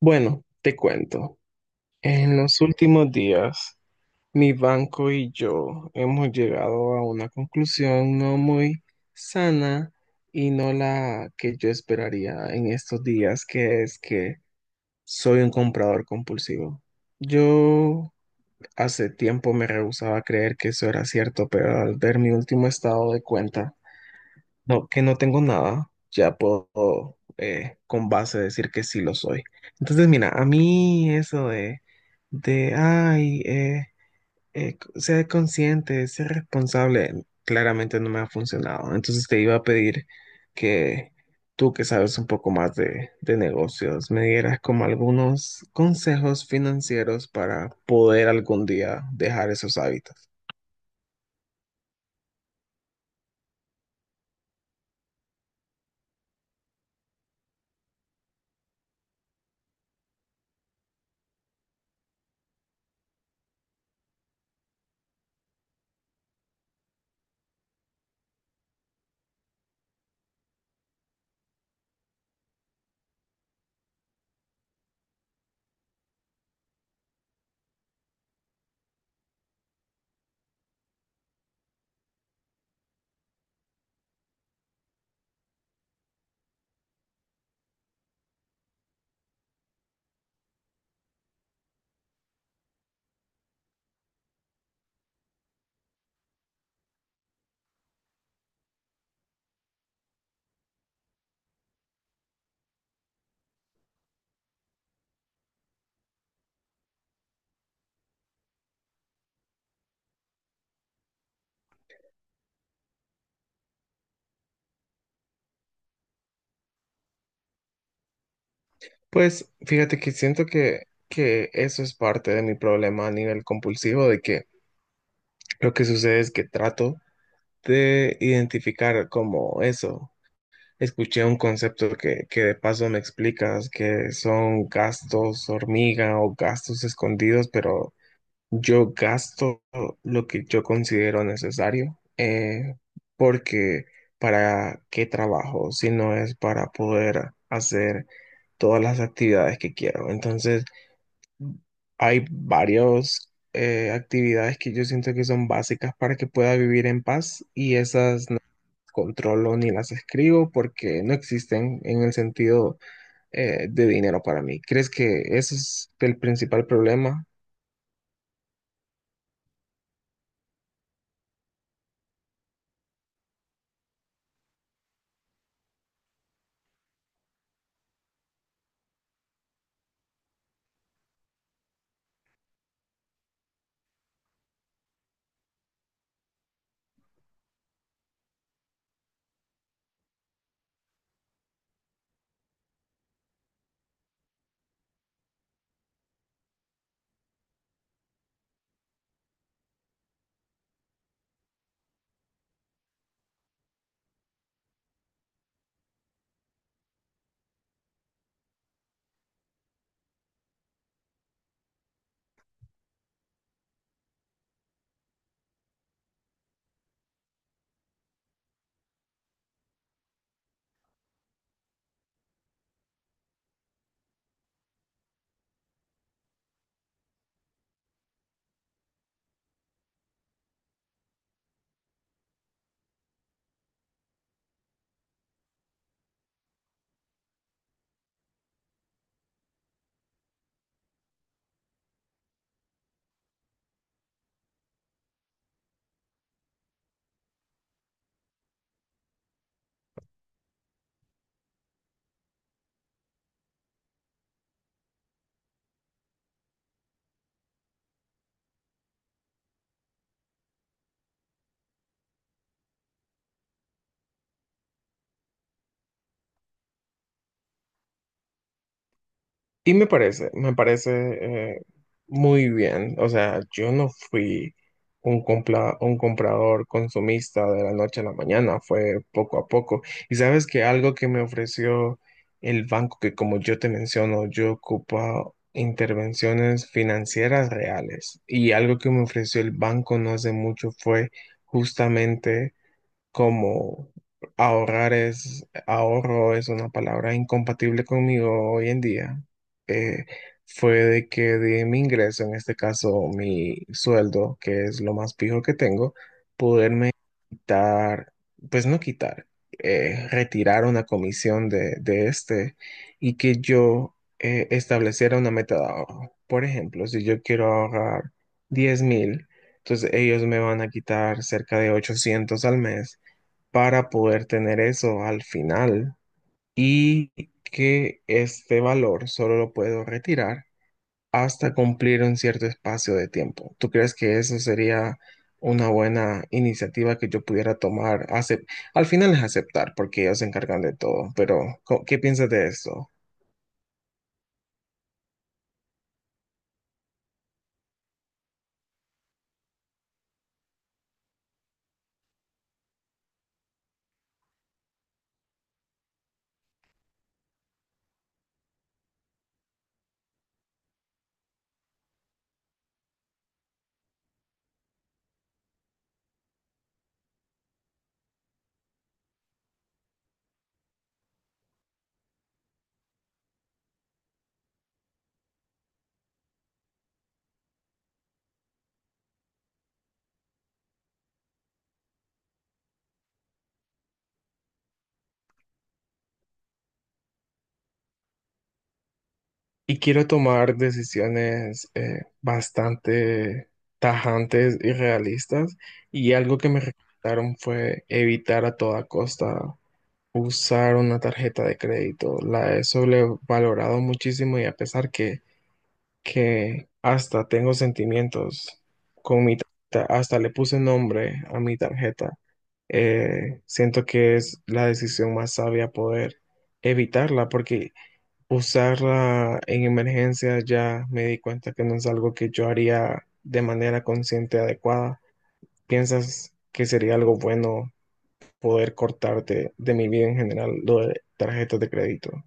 Bueno, te cuento. En los últimos días, mi banco y yo hemos llegado a una conclusión no muy sana y no la que yo esperaría en estos días, que es que soy un comprador compulsivo. Yo hace tiempo me rehusaba a creer que eso era cierto, pero al ver mi último estado de cuenta, no, que no tengo nada, ya puedo con base decir que sí lo soy. Entonces, mira, a mí eso de ay, ser consciente, ser responsable, claramente no me ha funcionado. Entonces te iba a pedir que tú, que sabes un poco más de negocios, me dieras como algunos consejos financieros para poder algún día dejar esos hábitos. Pues fíjate que que eso es parte de mi problema a nivel compulsivo, de que lo que sucede es que trato de identificar como eso. Escuché un concepto que de paso me explicas, que son gastos hormiga o gastos escondidos, pero yo gasto lo que yo considero necesario, porque ¿para qué trabajo si no es para poder hacer todas las actividades que quiero? Entonces hay varias actividades que yo siento que son básicas para que pueda vivir en paz y esas no las controlo ni las escribo porque no existen en el sentido de dinero para mí. ¿Crees que ese es el principal problema? Y me parece muy bien. O sea, yo no fui un, compla- un comprador consumista de la noche a la mañana, fue poco a poco. Y sabes que algo que me ofreció el banco, que como yo te menciono, yo ocupo intervenciones financieras reales. Y algo que me ofreció el banco no hace mucho fue justamente como ahorro es una palabra incompatible conmigo hoy en día, eh, fue de que de mi ingreso, en este caso mi sueldo, que es lo más fijo que tengo, poderme quitar, pues no quitar, retirar una comisión de este y que yo estableciera una meta de ahorro. Por ejemplo, si yo quiero ahorrar 10.000, entonces ellos me van a quitar cerca de 800 al mes para poder tener eso al final y que este valor solo lo puedo retirar hasta cumplir un cierto espacio de tiempo. ¿Tú crees que eso sería una buena iniciativa que yo pudiera tomar? Acep- al final es aceptar porque ellos se encargan de todo, pero co- ¿qué piensas de eso? Y quiero tomar decisiones bastante tajantes y realistas y algo que me recomendaron fue evitar a toda costa usar una tarjeta de crédito. La he sobrevalorado muchísimo y a pesar que hasta tengo sentimientos con mi tarjeta, hasta le puse nombre a mi tarjeta, siento que es la decisión más sabia poder evitarla porque usarla en emergencia ya me di cuenta que no es algo que yo haría de manera consciente adecuada. ¿Piensas que sería algo bueno poder cortarte de mi vida en general lo de tarjetas de crédito?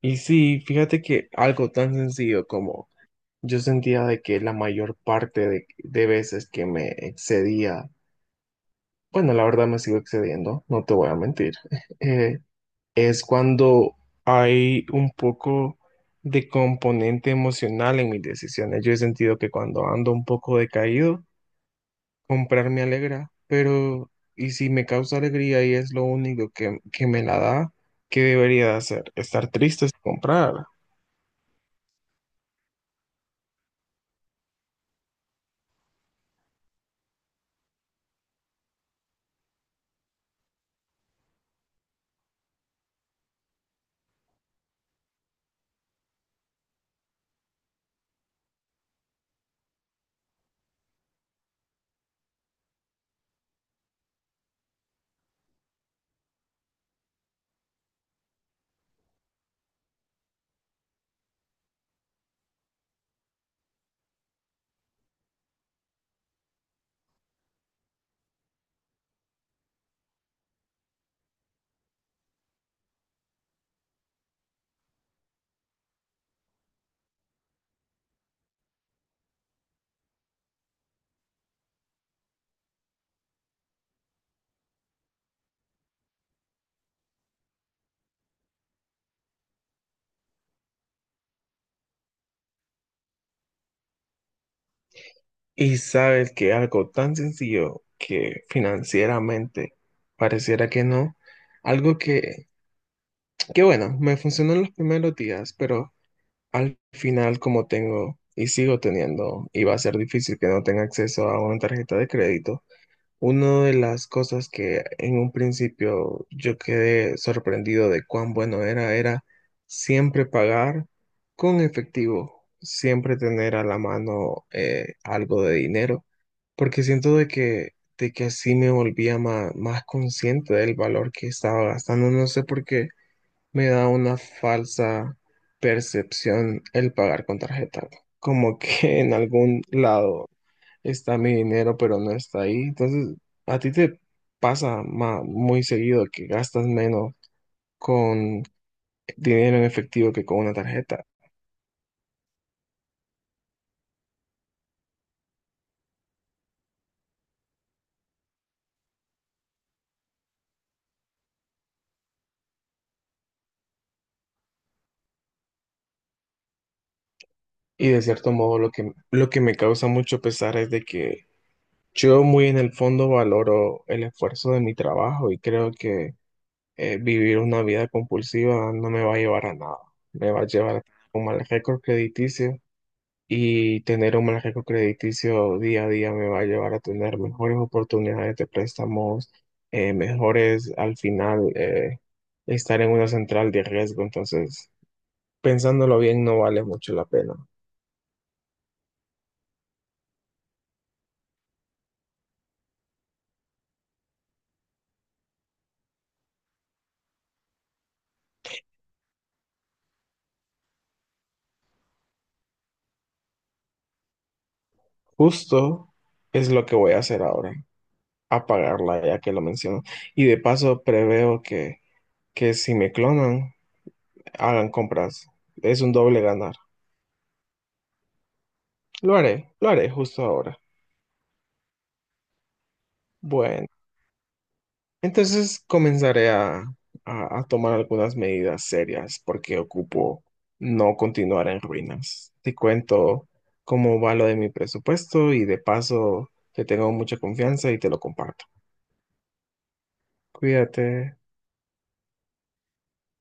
Y sí, fíjate que algo tan sencillo como yo sentía de que la mayor parte de veces que me excedía, bueno, la verdad me sigo excediendo, no te voy a mentir, eh, es cuando hay un poco de componente emocional en mis decisiones. Yo he sentido que cuando ando un poco decaído, comprar me alegra, pero ¿y si me causa alegría y es lo único que me la da? ¿Qué debería de hacer? Estar triste es comprar. Y sabes que algo tan sencillo que financieramente pareciera que no, algo que bueno, me funcionó en los primeros días, pero al final como tengo y sigo teniendo, y va a ser difícil que no tenga acceso a una tarjeta de crédito, una de las cosas que en un principio yo quedé sorprendido de cuán bueno era, era siempre pagar con efectivo, siempre tener a la mano algo de dinero, porque de que así me volvía ma- más, consciente del valor que estaba gastando. No sé por qué me da una falsa percepción el pagar con tarjeta, como que en algún lado está mi dinero, pero no está ahí. Entonces, a ti te pasa ma- muy seguido que gastas menos con dinero en efectivo que con una tarjeta. Y de cierto modo, lo que me causa mucho pesar es de que yo muy en el fondo valoro el esfuerzo de mi trabajo y creo que vivir una vida compulsiva no me va a llevar a nada. Me va a llevar a un mal récord crediticio y tener un mal récord crediticio día a día me va a llevar a tener mejores oportunidades de préstamos, mejores al final estar en una central de riesgo. Entonces, pensándolo bien, no vale mucho la pena. Justo es lo que voy a hacer ahora, apagarla ya que lo menciono. Y de paso preveo que si me clonan, hagan compras. Es un doble ganar. Lo haré justo ahora. Bueno. Entonces comenzaré a tomar algunas medidas serias porque ocupo no continuar en ruinas. Te cuento cómo va lo de mi presupuesto y de paso que tengo mucha confianza y te lo comparto. Cuídate.